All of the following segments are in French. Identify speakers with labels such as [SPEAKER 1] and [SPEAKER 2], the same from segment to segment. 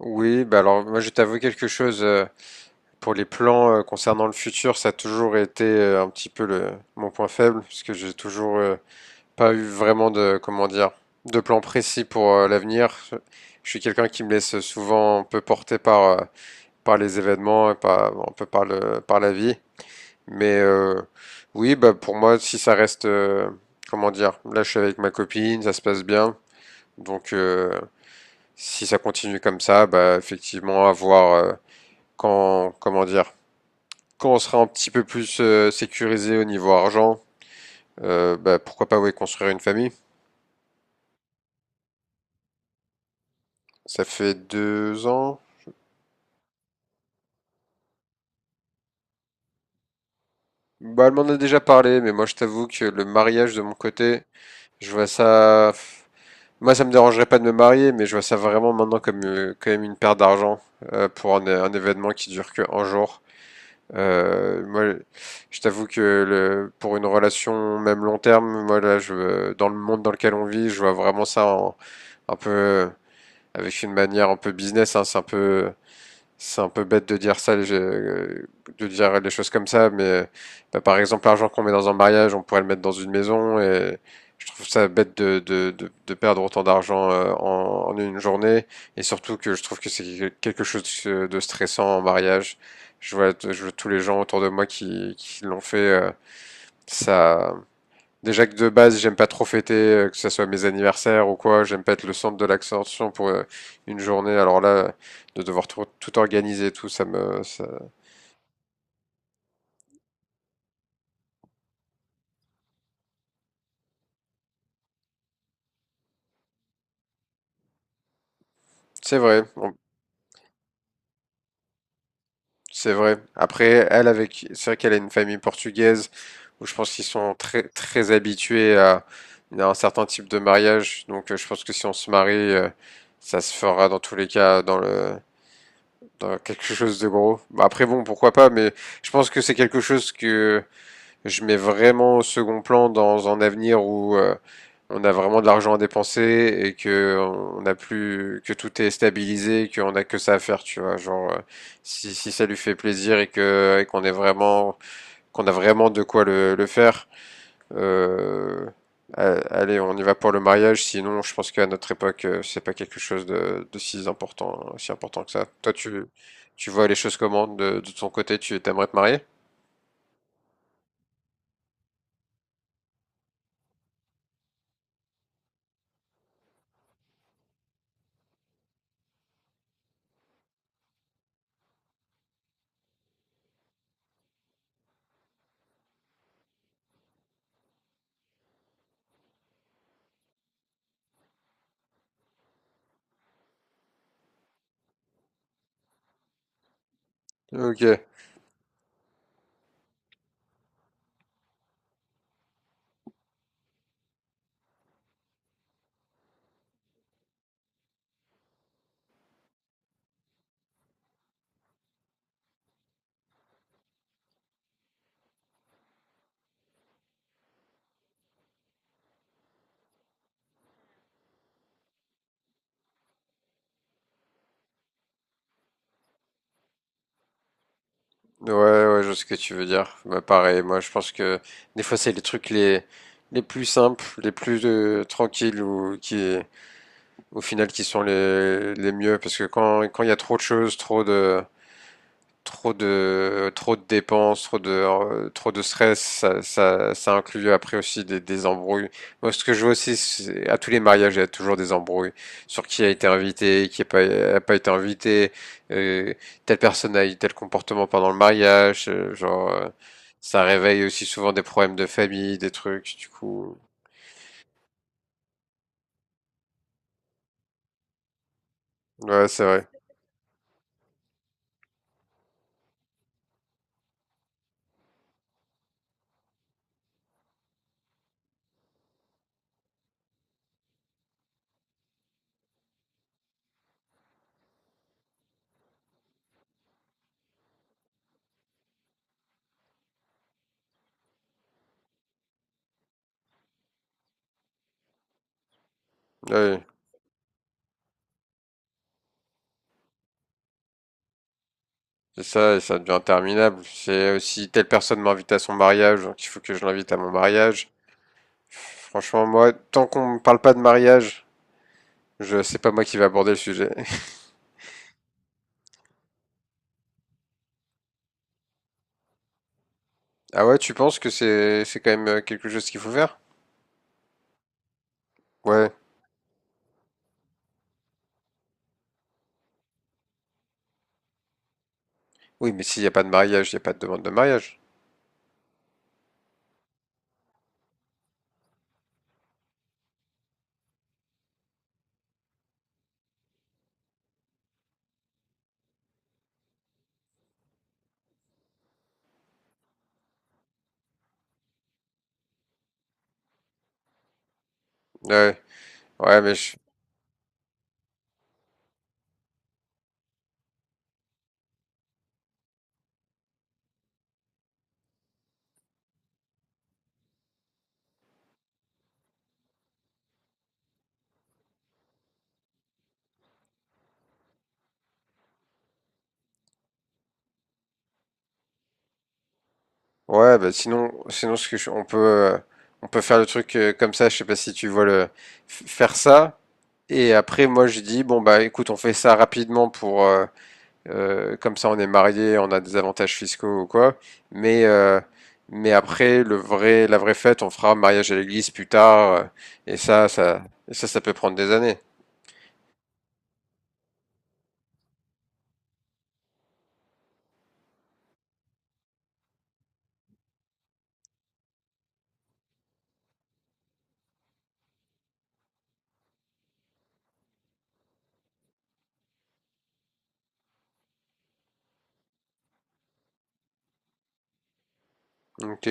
[SPEAKER 1] Oui, bah alors moi je t'avoue quelque chose pour les plans concernant le futur, ça a toujours été un petit peu le mon point faible parce que j'ai toujours pas eu vraiment de comment dire de plan précis pour l'avenir. Je suis quelqu'un qui me laisse souvent un peu porter par les événements et par bon, un peu par le par la vie. Mais oui, bah pour moi si ça reste comment dire, là je suis avec ma copine, ça se passe bien. Donc euh, Si ça continue comme ça, bah effectivement avoir quand, comment dire, quand on sera un petit peu plus sécurisé au niveau argent, bah, pourquoi pas ouais, construire une famille? Ça fait 2 ans. Bah, elle m'en a déjà parlé, mais moi je t'avoue que le mariage de mon côté, je vois ça. Moi, ça me dérangerait pas de me marier, mais je vois ça vraiment maintenant comme quand même une perte d'argent pour un événement qui dure que un jour. Moi, je t'avoue que pour une relation même long terme, moi là, je, dans le monde dans lequel on vit, je vois vraiment ça un peu avec une manière un peu business. Hein, c'est un peu, bête de dire ça, de dire les choses comme ça. Mais bah, par exemple, l'argent qu'on met dans un mariage, on pourrait le mettre dans une maison. Et je trouve ça bête de perdre autant d'argent en une journée. Et surtout que je trouve que c'est quelque chose de stressant en mariage. Je vois tous les gens autour de moi qui l'ont fait. Ça, Déjà que de base, j'aime pas trop fêter, que ce soit mes anniversaires ou quoi, j'aime pas être le centre de l'attention pour une journée. Alors là, de devoir tout organiser, et tout, c'est vrai, on- c'est vrai. Après, elle avec, c'est vrai qu'elle a une famille portugaise où je pense qu'ils sont très, très habitués à un certain type de mariage. Donc, je pense que si on se marie, ça se fera dans tous les cas dans quelque chose de gros. Bah, après, bon, pourquoi pas, mais je pense que c'est quelque chose que je mets vraiment au second plan dans un avenir où on a vraiment de l'argent à dépenser et que on n'a plus que tout est stabilisé, qu'on a que ça à faire, tu vois. Si ça lui fait plaisir et que et qu'on a vraiment de quoi le faire, euh, allez, on y va pour le mariage. Sinon, je pense qu'à notre époque, c'est pas quelque chose de si important, si important que ça. Toi, tu vois les choses comment de ton côté? Tu t'aimerais te marier? Ok. Ouais, ouais, je vois ce que tu veux dire. Bah, pareil, moi je pense que des fois c'est les trucs les plus simples, les plus tranquilles ou qui au final qui sont les mieux parce que quand il y a trop de choses, trop de dépenses, trop de stress, ça inclut après aussi des embrouilles. Moi, ce que je vois aussi, à tous les mariages, il y a toujours des embrouilles sur qui a été invité, qui n'a pas été invité, euh, telle personne a eu tel comportement pendant le mariage, ça réveille aussi souvent des problèmes de famille, des trucs. Du coup, ouais, c'est vrai. Oui, c'est ça, et ça devient interminable. C'est aussi telle personne m'invite à son mariage, donc il faut que je l'invite à mon mariage. Franchement, moi, tant qu'on me parle pas de mariage, je c'est pas moi qui vais aborder le sujet. Ah ouais, tu penses que c'est quand même quelque chose qu'il faut faire? Ouais. Oui, mais s'il n'y a pas de mariage, il n'y a pas de demande de mariage. Ouais. Ouais, mais je- ouais, bah sinon on peut faire le truc comme ça, je sais pas si tu vois faire ça et après moi je dis bon bah écoute, on fait ça rapidement pour comme ça, on est marié, on a des avantages fiscaux ou quoi. Mais, euh, mais après, la vraie fête, on fera mariage à l'église plus tard. Et ça, ça peut prendre des années. Ok,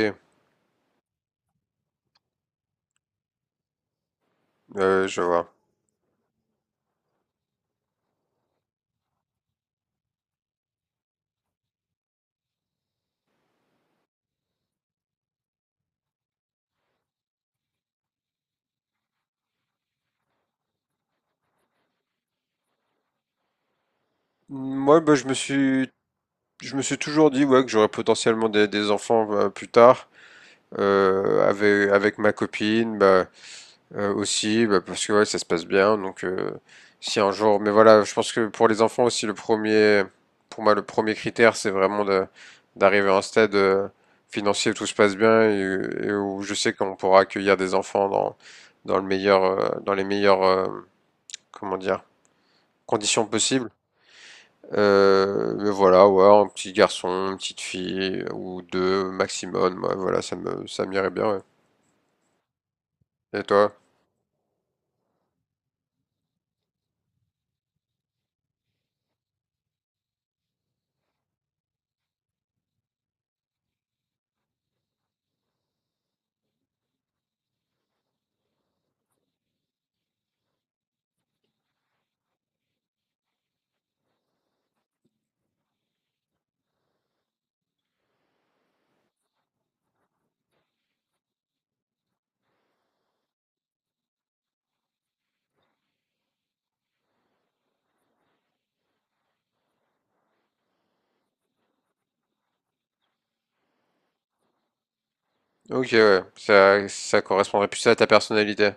[SPEAKER 1] je vois. Moi, bah, je me suis toujours dit ouais, que j'aurais potentiellement des enfants plus tard. Avec ma copine, bah, aussi, bah, parce que ouais, ça se passe bien. Donc, si un jour, mais voilà, je pense que pour les enfants aussi, pour moi, le premier critère, c'est vraiment d'arriver à un stade financier où tout se passe bien et où je sais qu'on pourra accueillir des enfants dans, dans les meilleures, comment dire, conditions possibles. Mais voilà, ouais, un petit garçon, une petite fille ou deux maximum. Ouais, voilà, ça m'irait bien. Ouais. Et toi? Ok, ouais, ça correspondrait plus à ta personnalité.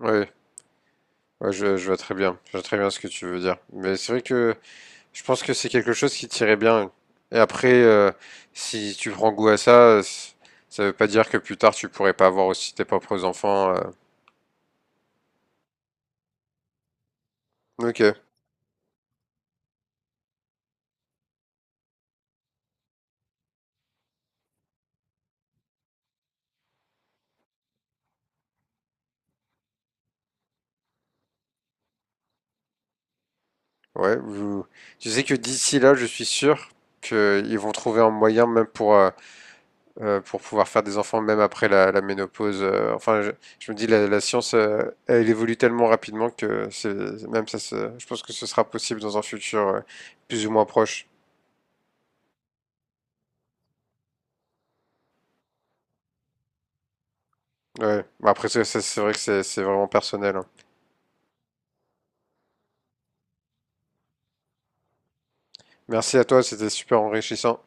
[SPEAKER 1] Ouais, ouais, je vois très bien. Je vois très bien ce que tu veux dire. Mais c'est vrai que je pense que c'est quelque chose qui t'irait bien. Et après, si tu prends goût à ça, ça veut pas dire que plus tard tu pourrais pas avoir aussi tes propres enfants. Ok, ouais. Tu sais que d'ici là, je suis sûr qu'ils vont trouver un moyen, même pour pouvoir faire des enfants même après la ménopause. Enfin, je me dis la science, elle évolue tellement rapidement que c'est même ça, se- je pense que ce sera possible dans un futur plus ou moins proche. Ouais. Après, c'est vrai que c'est vraiment personnel. Hein. Merci à toi, c'était super enrichissant.